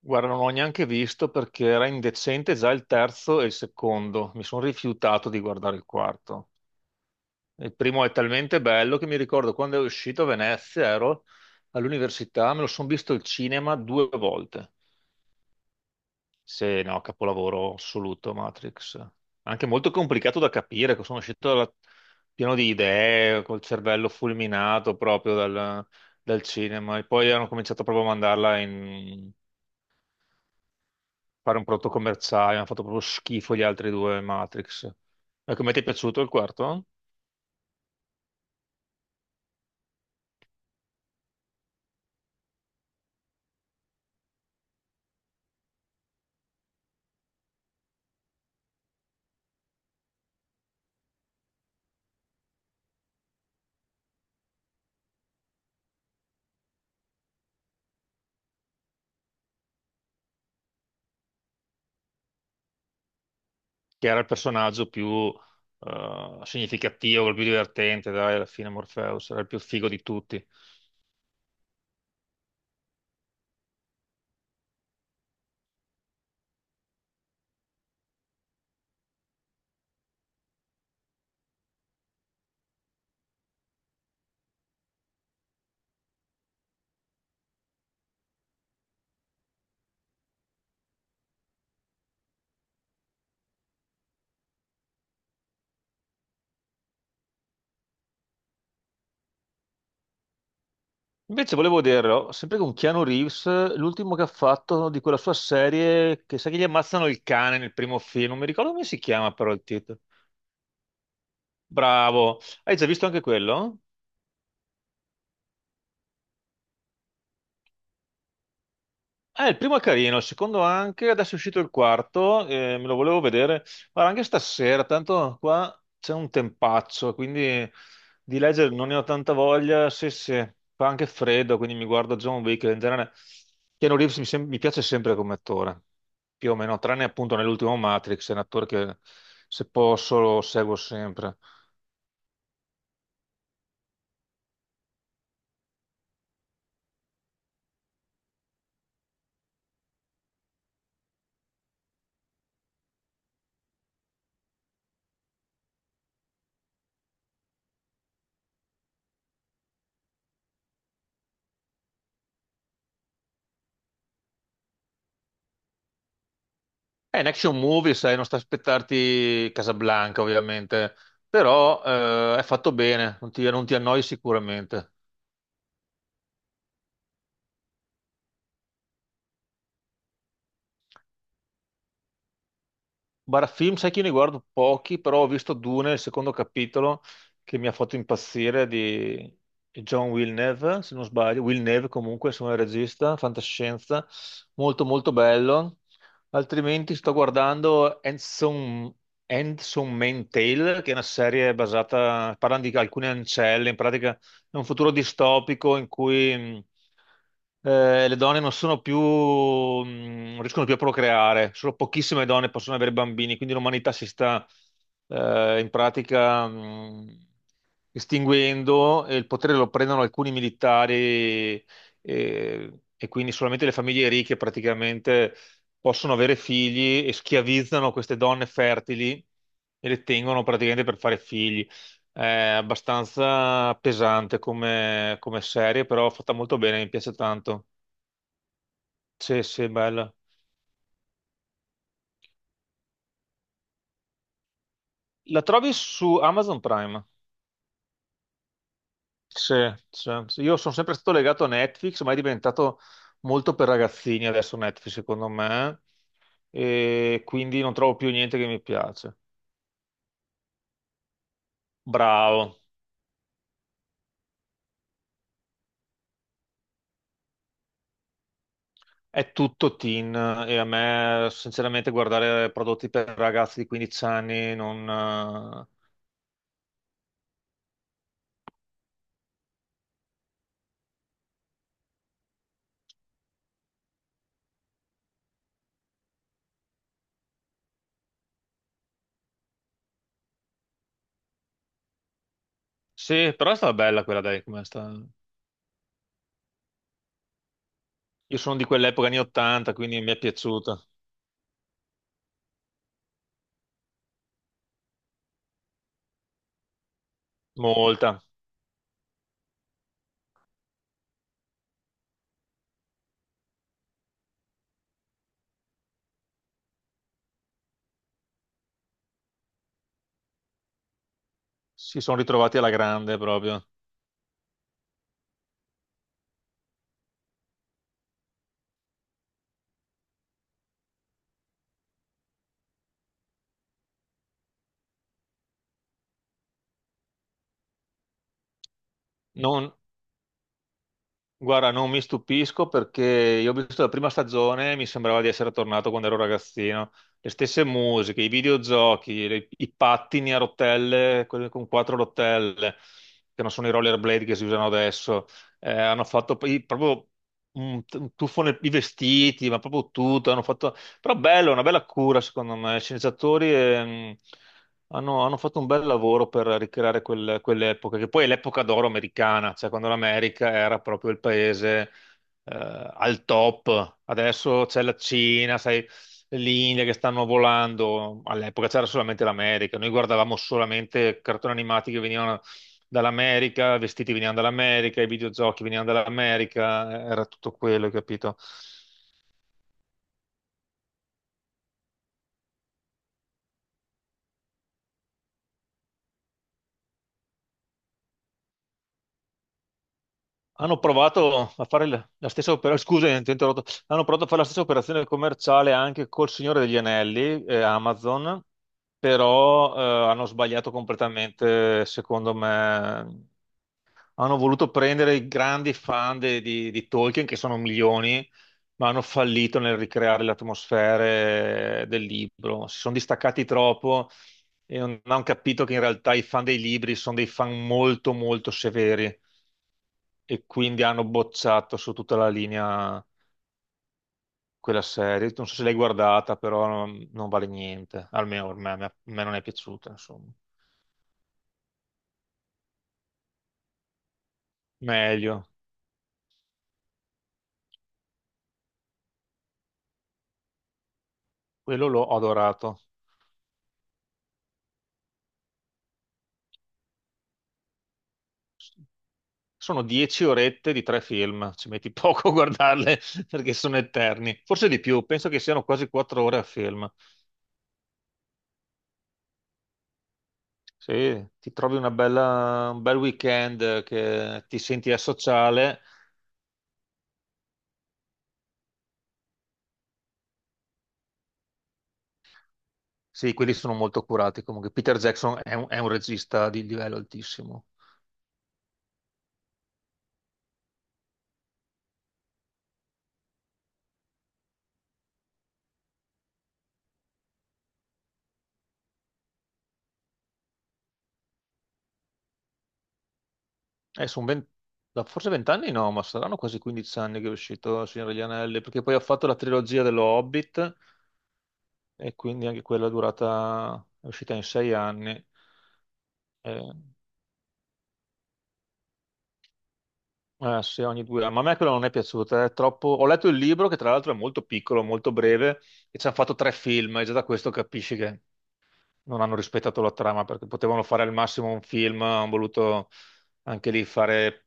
Guarda, non ho neanche visto perché era indecente già il terzo e il secondo. Mi sono rifiutato di guardare il quarto. Il primo è talmente bello che mi ricordo quando è uscito a Venezia, ero all'università, me lo sono visto al cinema due volte. Se no, capolavoro assoluto Matrix. Anche molto complicato da capire, che sono uscito pieno di idee, col cervello fulminato proprio dal cinema. E poi hanno cominciato proprio a mandarla in fare un prodotto commerciale, hanno fatto proprio schifo gli altri due Matrix. E come ti è piaciuto il quarto? Che era il personaggio più significativo, il più divertente, dai, alla fine Morpheus, era il più figo di tutti. Invece volevo dirlo, sempre con Keanu Reeves, l'ultimo che ha fatto di quella sua serie, che sa che gli ammazzano il cane nel primo film, non mi ricordo come si chiama però il titolo. Bravo, hai già visto anche quello? Il primo è carino, il secondo anche, adesso è uscito il quarto, me lo volevo vedere, guarda anche stasera, tanto qua c'è un tempaccio, quindi di leggere non ne ho tanta voglia, sì sì, fa anche freddo, quindi mi guardo John Wick. In genere Keanu Reeves mi piace sempre come attore, più o meno, tranne appunto nell'ultimo Matrix. È un attore che se posso lo seguo sempre. È un action movie, sai, non sta a aspettarti Casablanca, ovviamente, però è fatto bene, non ti annoi sicuramente. Bara film, sai che io ne guardo pochi, però ho visto Dune, il secondo capitolo, che mi ha fatto impazzire di John Villeneuve, se non sbaglio. Villeneuve comunque, insomma, è il regista, fantascienza, molto molto bello. Altrimenti sto guardando Handsome Tale, che è una serie basata, parlano di alcune ancelle, in pratica è un futuro distopico in cui le donne non sono più, non riescono più a procreare, solo pochissime donne possono avere bambini, quindi l'umanità si sta in pratica estinguendo e il potere lo prendono alcuni militari e quindi solamente le famiglie ricche praticamente possono avere figli e schiavizzano queste donne fertili e le tengono praticamente per fare figli. È abbastanza pesante come serie, però fatta molto bene, mi piace tanto. Sì, sì, è bella. La trovi su Amazon Prime? Sì, sì, sì. Io sono sempre stato legato a Netflix, ma è diventato molto per ragazzini adesso Netflix, secondo me, e quindi non trovo più niente che mi piace. Bravo, è tutto teen e a me sinceramente guardare prodotti per ragazzi di 15 anni non. Sì, però è stata bella quella, dai, come sta. Io sono di quell'epoca anni 80, quindi mi è piaciuta molta. Si sono ritrovati alla grande proprio. Non, guarda, non mi stupisco perché io ho visto la prima stagione e mi sembrava di essere tornato quando ero ragazzino. Le stesse musiche, i videogiochi, i pattini a rotelle, quelli con quattro rotelle, che non sono i rollerblade che si usano adesso. Hanno fatto poi proprio un tuffo nei i vestiti, ma proprio tutto. Hanno fatto. Però bello, una bella cura secondo me. I sceneggiatori hanno fatto un bel lavoro per ricreare quell'epoca, che poi è l'epoca d'oro americana, cioè quando l'America era proprio il paese al top. Adesso c'è la Cina, sai, l'India che stanno volando. All'epoca c'era solamente l'America, noi guardavamo solamente cartoni animati che venivano dall'America, vestiti venivano dall'America, i videogiochi venivano dall'America, era tutto quello, capito? Hanno provato a fare la stessa operazione, scusa, ti ho interrotto. Hanno provato a fare la stessa operazione commerciale anche col Signore degli Anelli, Amazon, però hanno sbagliato completamente, secondo me. Hanno voluto prendere i grandi fan di Tolkien, che sono milioni, ma hanno fallito nel ricreare le atmosfere del libro. Si sono distaccati troppo e non hanno capito che in realtà i fan dei libri sono dei fan molto, molto severi e quindi hanno bocciato su tutta la linea quella serie. Non so se l'hai guardata, però non vale niente. Almeno per me, a me non è piaciuta, insomma. Meglio, quello l'ho adorato. Sono 10 orette di tre film, ci metti poco a guardarle perché sono eterni. Forse di più, penso che siano quasi 4 ore a film. Se ti trovi un bel weekend che ti senti asociale, sì, quelli sono molto curati. Comunque Peter Jackson è un regista di livello altissimo. Eh, sono ben- forse vent'anni no, ma saranno quasi 15 anni che è uscito Il Signore degli Anelli, perché poi ha fatto la trilogia dello Hobbit e quindi anche quella è durata, è uscita in 6 anni. Eh, eh, sì, ogni 2 anni. Ma a me quella non è piaciuta, è troppo. Ho letto il libro che tra l'altro è molto piccolo, molto breve, e ci hanno fatto tre film, e già da questo capisci che non hanno rispettato la trama, perché potevano fare al massimo un film, hanno voluto anche lì fare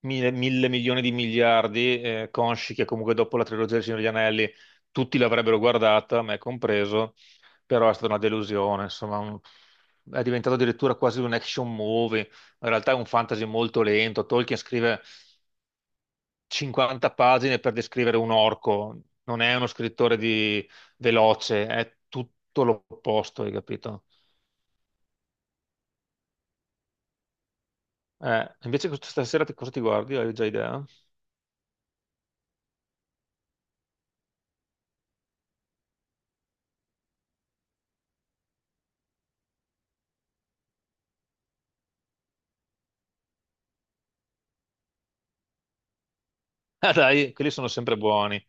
mille, mille milioni di miliardi, consci che comunque dopo la trilogia del Signore degli Anelli tutti l'avrebbero guardata, me compreso, però è stata una delusione, insomma, è diventato addirittura quasi un action movie, in realtà è un fantasy molto lento, Tolkien scrive 50 pagine per descrivere un orco, non è uno scrittore di veloce, è tutto l'opposto, hai capito? Invece questa sera cosa ti guardi? Hai già idea? Ah, dai, quelli sono sempre buoni.